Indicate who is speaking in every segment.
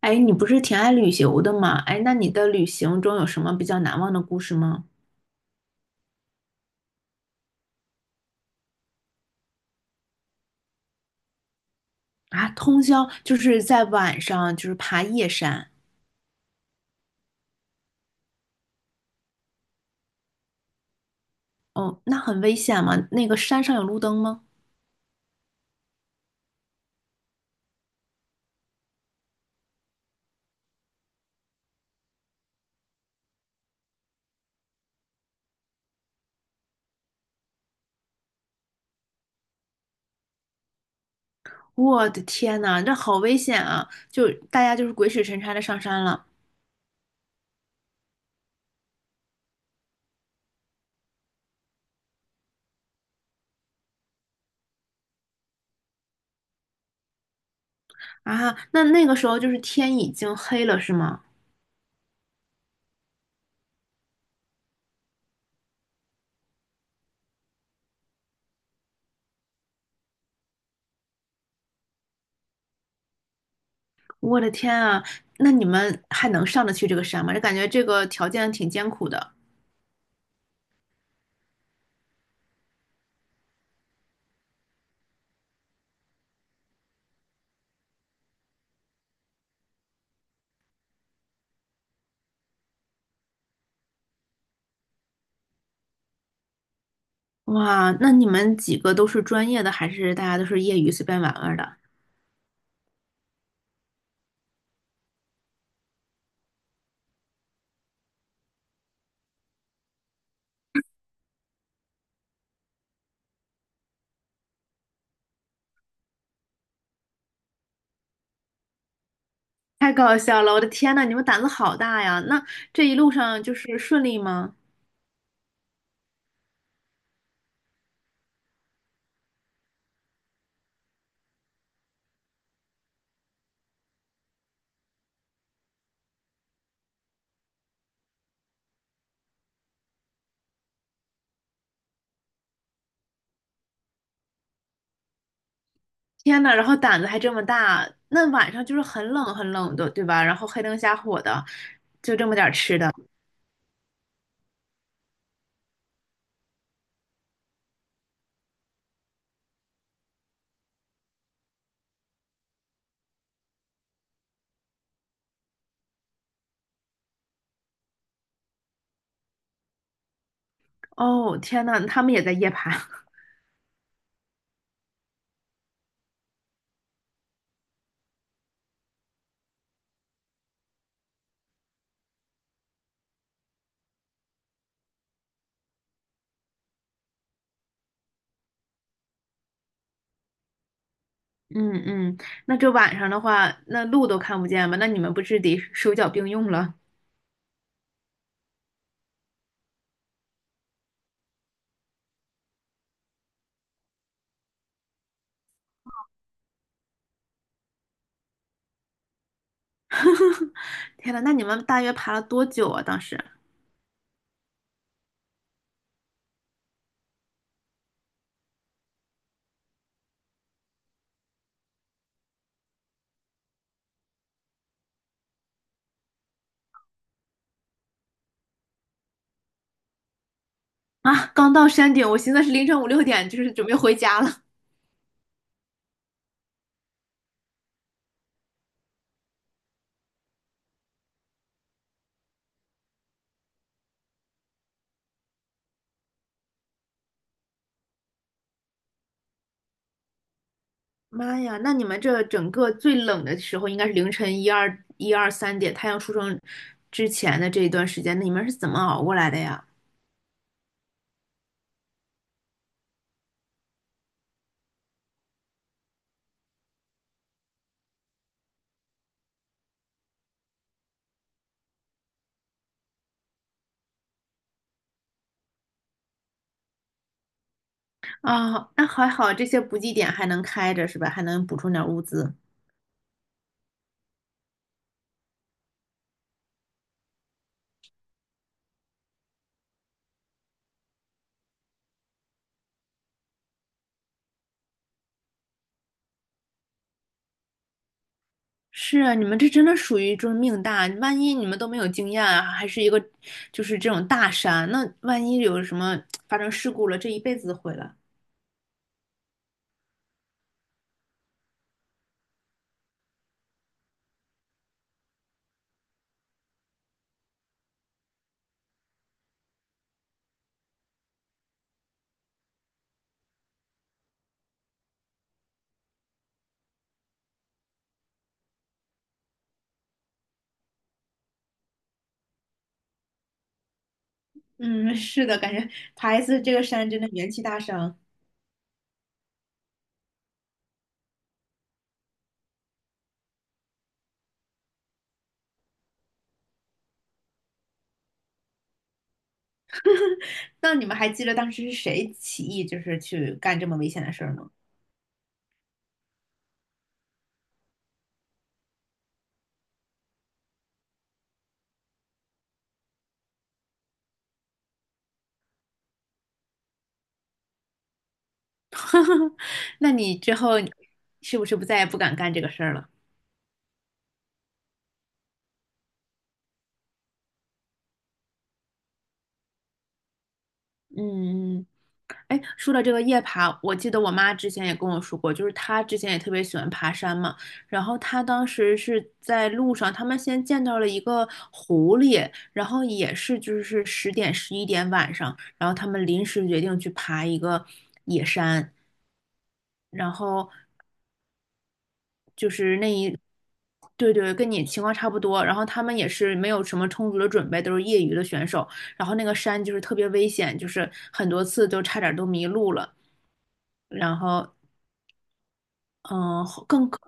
Speaker 1: 哎，你不是挺爱旅游的吗？哎，那你的旅行中有什么比较难忘的故事吗？啊，通宵就是在晚上，就是爬夜山。哦，那很危险吗？那个山上有路灯吗？我的天呐，这好危险啊！就大家就是鬼使神差的上山了。啊，那那个时候就是天已经黑了，是吗？我的天啊，那你们还能上得去这个山吗？这感觉这个条件挺艰苦的。哇，那你们几个都是专业的，还是大家都是业余随便玩玩的？太搞笑了！我的天呐，你们胆子好大呀！那这一路上就是顺利吗？天呐，然后胆子还这么大，那晚上就是很冷很冷的，对吧？然后黑灯瞎火的，就这么点儿吃的。哦，天呐，他们也在夜爬。嗯嗯，那这晚上的话，那路都看不见吧？那你们不是得手脚并用了？天呐，那你们大约爬了多久啊？当时啊，刚到山顶，我寻思是凌晨五六点，就是准备回家了。妈呀，那你们这整个最冷的时候应该是凌晨一二一二三点，太阳出生之前的这一段时间，那你们是怎么熬过来的呀？啊、那还好，这些补给点还能开着是吧？还能补充点物资。是啊，你们这真的属于就是命大，万一你们都没有经验啊，还是一个就是这种大山，那万一有什么发生事故了，这一辈子毁了。嗯，是的，感觉爬一次这个山真的元气大伤。那你们还记得当时是谁起义，就是去干这么危险的事儿吗？那你之后是不是不再也不敢干这个事儿了？嗯，哎，说到这个夜爬，我记得我妈之前也跟我说过，就是她之前也特别喜欢爬山嘛。然后她当时是在路上，他们先见到了一个狐狸，然后也是就是十点十一点晚上，然后他们临时决定去爬一个野山，然后就是那一，对对，跟你情况差不多。然后他们也是没有什么充足的准备，都是业余的选手。然后那个山就是特别危险，就是很多次都差点都迷路了。然后，嗯，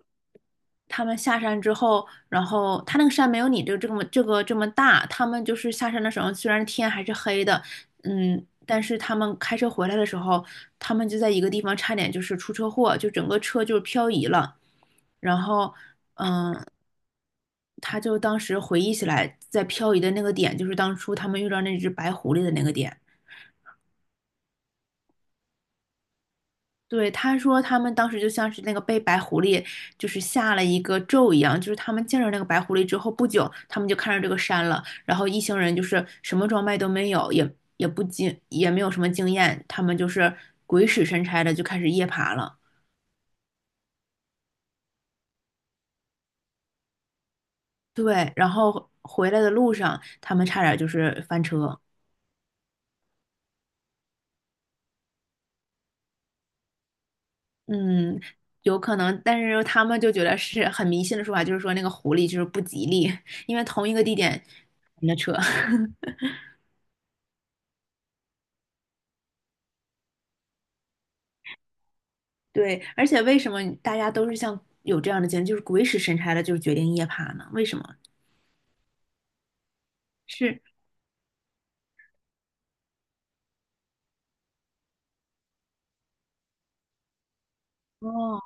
Speaker 1: 他们下山之后，然后他那个山没有你这么大，他们就是下山的时候，虽然天还是黑的，嗯，但是他们开车回来的时候，他们就在一个地方差点就是出车祸，就整个车就是漂移了。然后，嗯，他就当时回忆起来，在漂移的那个点，就是当初他们遇到那只白狐狸的那个点。对，他说他们当时就像是那个被白狐狸就是下了一个咒一样，就是他们见着那个白狐狸之后不久，他们就看着这个山了，然后一行人就是什么装备都没有，也也不经也没有什么经验，他们就是鬼使神差的就开始夜爬了。对，然后回来的路上，他们差点就是翻车。嗯，有可能，但是他们就觉得是很迷信的说法，就是说那个狐狸就是不吉利，因为同一个地点，那车。对，而且为什么大家都是像有这样的经历，就是鬼使神差的，就是决定夜爬呢？为什么？是哦，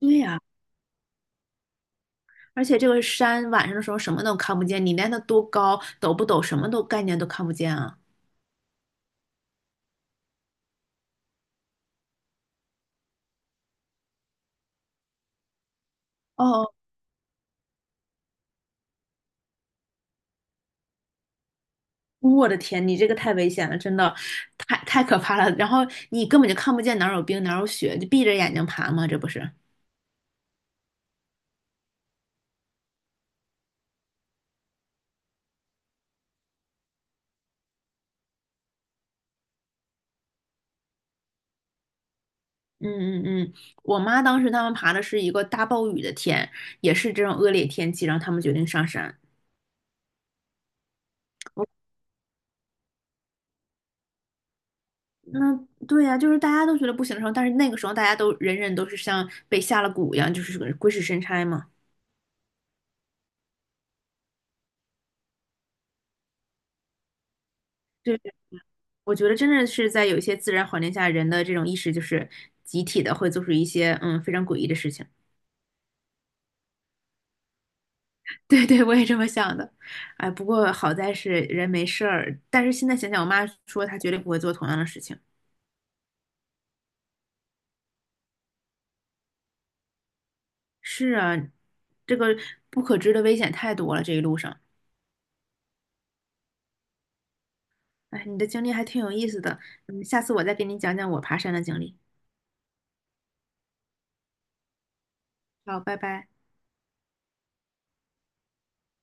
Speaker 1: 对呀、而且这个山晚上的时候什么都看不见，你连它多高、陡不陡，什么都概念都看不见啊。哦，我的天，你这个太危险了，真的，太太可怕了。然后你根本就看不见哪儿有冰哪儿有雪，就闭着眼睛爬嘛，这不是？嗯嗯嗯，我妈当时他们爬的是一个大暴雨的天，也是这种恶劣天气，然后他们决定上山。那对呀、就是大家都觉得不行的时候，但是那个时候大家都人人都是像被下了蛊一样，就是个鬼使神差嘛。对，我觉得真的是在有一些自然环境下，人的这种意识就是集体的会做出一些非常诡异的事情。对对，我也这么想的。哎，不过好在是人没事儿，但是现在想想，我妈说她绝对不会做同样的事情。是啊，这个不可知的危险太多了，这一路上。哎，你的经历还挺有意思的，嗯，下次我再给你讲讲我爬山的经历。好，拜拜。